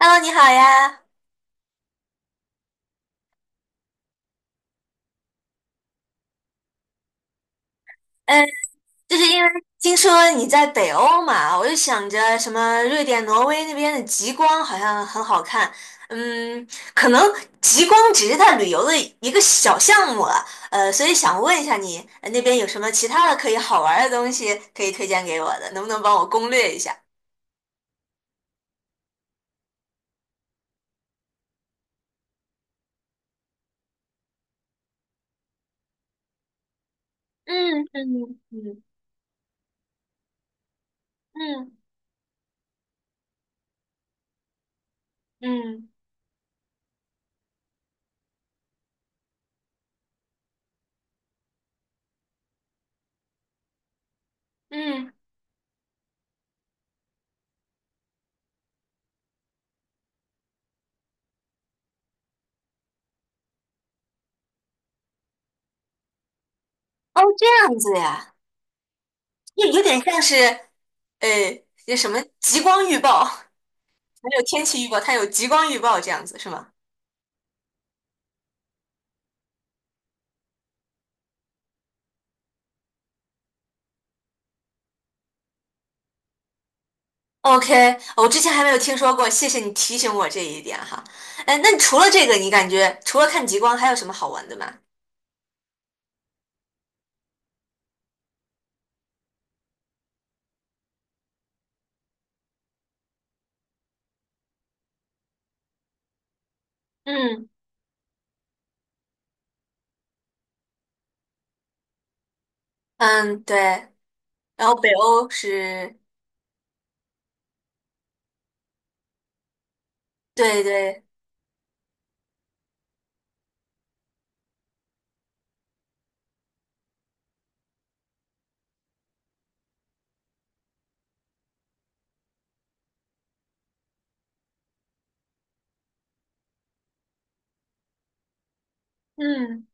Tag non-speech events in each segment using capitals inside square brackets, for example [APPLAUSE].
Hello，你好呀。嗯，就是因为听说你在北欧嘛，我就想着什么瑞典、挪威那边的极光好像很好看。嗯，可能极光只是它旅游的一个小项目了。所以想问一下你，那边有什么其他的可以好玩儿的东西可以推荐给我的？能不能帮我攻略一下？嗯嗯嗯嗯嗯嗯。哦，这样子呀，就有点像是呃，那什么极光预报。还有天气预报，它有极光预报这样子是吗？OK，我之前还没有听说过，谢谢你提醒我这一点哈。哎，那除了这个，你感觉除了看极光，还有什么好玩的吗？嗯嗯，对，然后北欧是，对对，嗯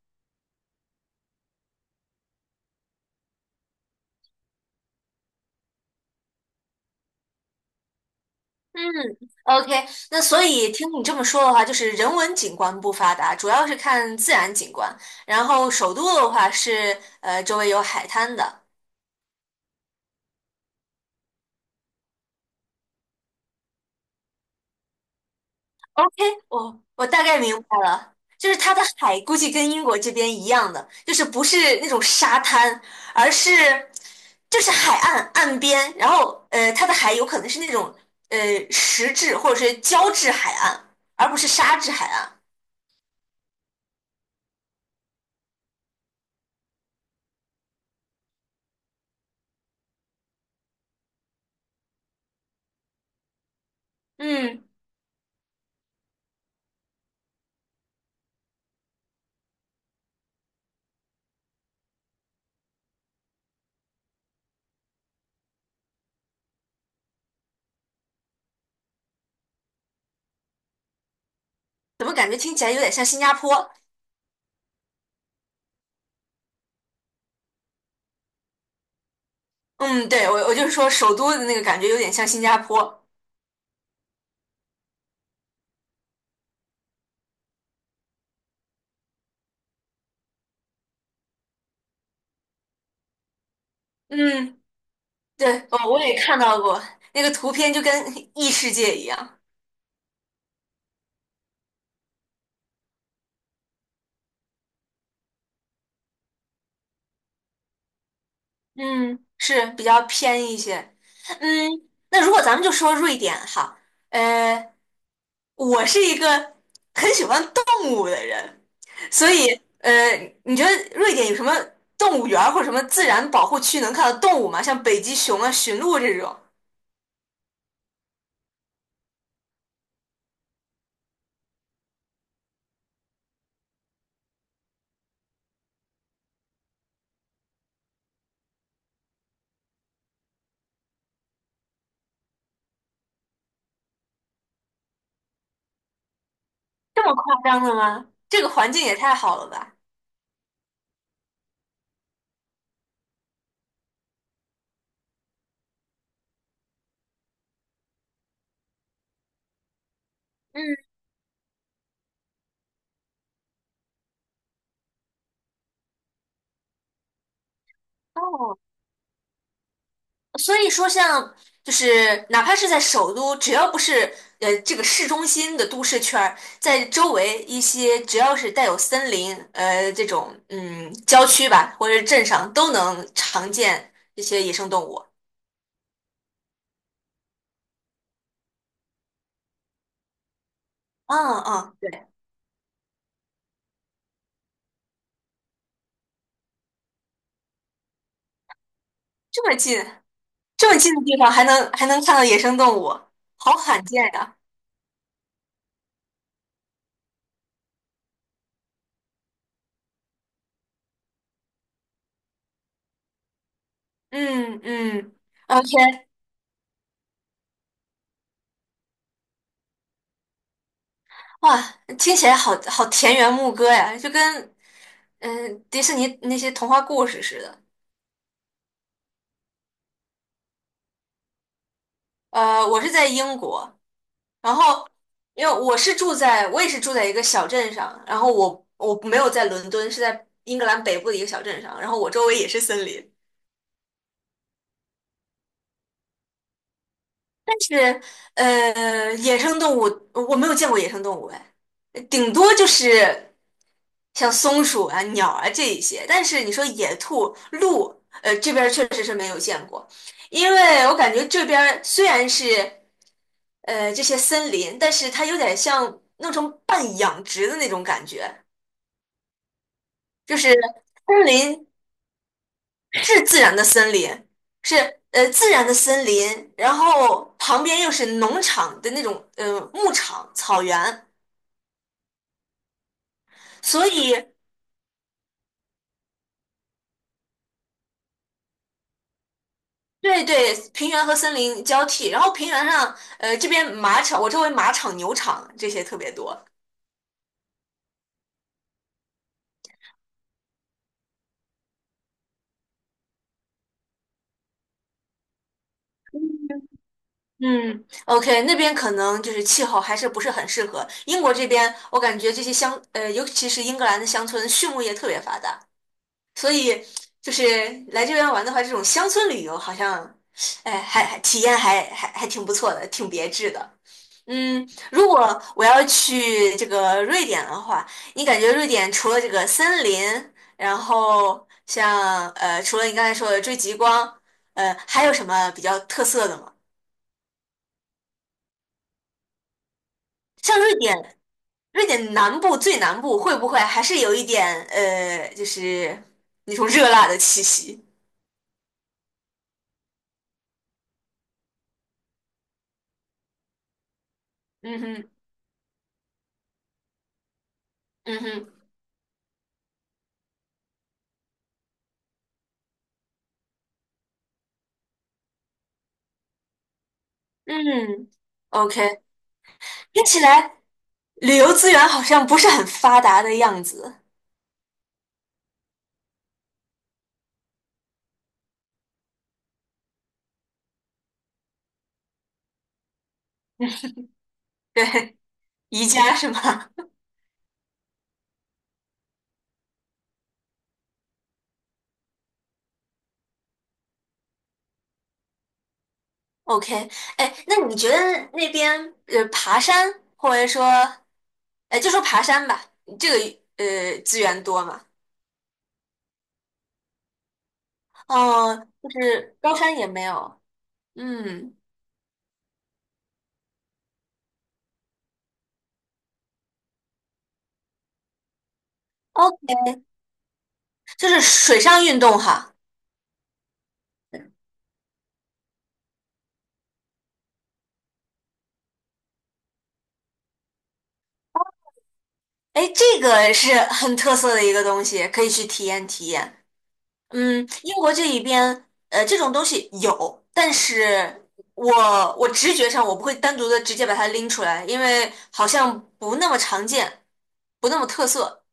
嗯，OK，那所以听你这么说的话，就是人文景观不发达，主要是看自然景观，然后首都的话是周围有海滩的。OK，我大概明白了，就是它的海估计跟英国这边一样的，就是不是那种沙滩，而是就是海岸岸边，然后它的海有可能是那种呃石质或者是胶质海岸，而不是沙质海岸。嗯，怎么感觉听起来有点像新加坡？嗯，对，我就是说首都的那个感觉有点像新加坡。嗯，对，我也看到过那个图片，就跟 [LAUGHS] 异世界一样。嗯，是比较偏一些。嗯，那如果咱们就说瑞典哈，呃，我是一个很喜欢动物的人，所以呃，你觉得瑞典有什么动物园儿或者什么自然保护区能看到动物吗？像北极熊啊、驯鹿这种，这么夸张的吗？这个环境也太好了吧！嗯，哦，所以说像就是哪怕是在首都，只要不是这个市中心的都市圈儿，在周围一些只要是带有森林这种郊区吧，或者是镇上都能常见这些野生动物。嗯嗯，对，这么近，这么近的地方还能看到野生动物，好罕见呀。嗯嗯，OK，哇，听起来好好田园牧歌呀，就跟迪士尼那些童话故事似的。我是在英国，然后因为我是住在，我也是住在一个小镇上，然后我没有在伦敦，是在英格兰北部的一个小镇上，然后我周围也是森林，但是野生动物我没有见过野生动物哎，顶多就是像松鼠啊、鸟啊这一些，但是你说野兔、鹿，这边儿确实是没有见过，因为我感觉这边儿虽然是，这些森林，但是它有点像弄成半养殖的那种感觉，就是森林是自然的森林，是自然的森林，然后旁边又是农场的那种牧场草原，所以对对，平原和森林交替，然后平原上这边马场，我周围马场、牛场这些特别多。嗯，OK，那边可能就是气候还是不是很适合。英国这边，我感觉这些乡，尤其是英格兰的乡村，畜牧业特别发达，所以就是来这边玩的话，这种乡村旅游好像，哎，体验还挺不错的，挺别致的。嗯，如果我要去这个瑞典的话，你感觉瑞典除了这个森林，然后像除了你刚才说的追极光，还有什么比较特色的吗？像瑞典。瑞典南部最南部会不会还是有一点就是那种热辣的气息？嗯哼，嗯哼，嗯，OK，听起来旅游资源好像不是很发达的样子。对，宜家是吗？OK，哎，那你觉得那边爬山或者说，哎，就说爬山吧，这个资源多吗？哦，就是高山也没有，嗯，哦，就是水上运动哈。哎，这个是 [LAUGHS] 很特色的一个东西，可以去体验体验。嗯，英国这一边，这种东西有，但是我直觉上我不会单独的直接把它拎出来，因为好像不那么常见，不那么特色。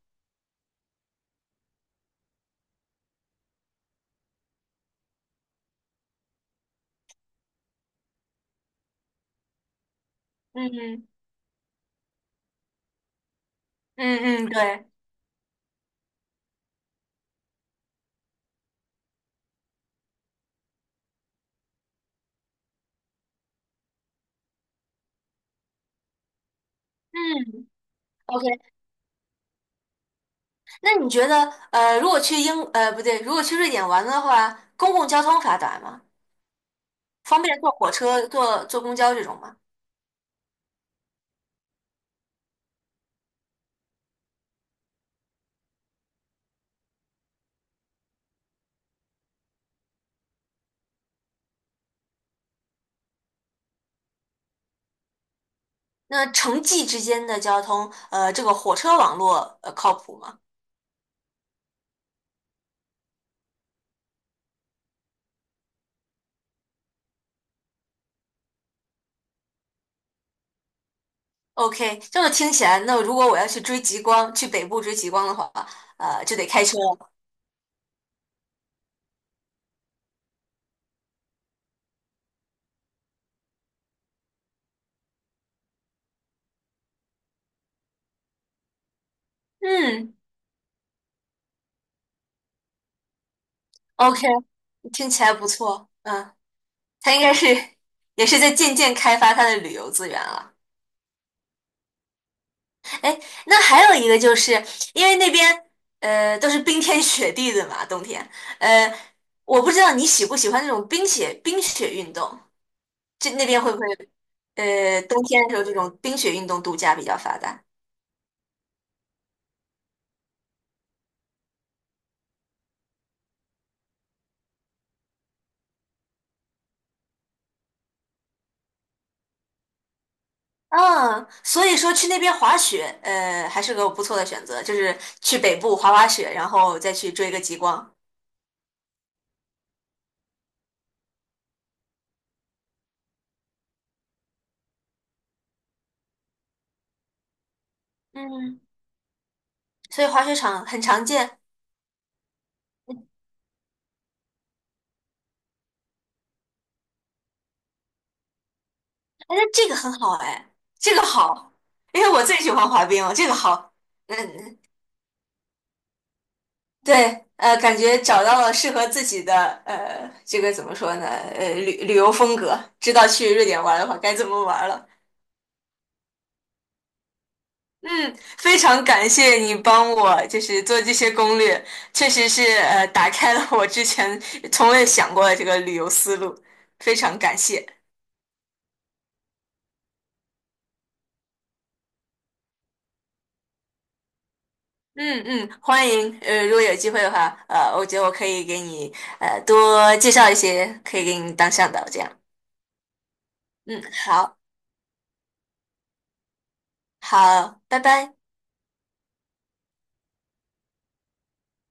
嗯嗯嗯，对，嗯，OK。那你觉得，如果去英，不对，如果去瑞典玩的话，公共交通发达吗？方便坐火车、坐公交这种吗？那城际之间的交通，这个火车网络靠谱吗？OK，这么听起来，那如果我要去追极光，去北部追极光的话，就得开车了。嗯，OK，听起来不错。嗯，它应该是也是在渐渐开发它的旅游资源了。哎，那还有一个就是因为那边都是冰天雪地的嘛，冬天，呃，我不知道你喜不喜欢那种冰雪运动，这那边会不会？冬天的时候这种冰雪运动度假比较发达。嗯，所以说去那边滑雪，还是个不错的选择，就是去北部滑雪，然后再去追个极光。嗯，所以滑雪场很常见。哎，那这个很好哎，这个好，因为我最喜欢滑冰了，这个好。嗯，对，感觉找到了适合自己的，这个怎么说呢？旅游风格，知道去瑞典玩的话该怎么玩了。嗯，非常感谢你帮我，就是做这些攻略，确实是打开了我之前从未想过的这个旅游思路，非常感谢。嗯嗯，欢迎，如果有机会的话，我觉得我可以给你多介绍一些可以给你当向导这样。嗯，好，好，拜拜。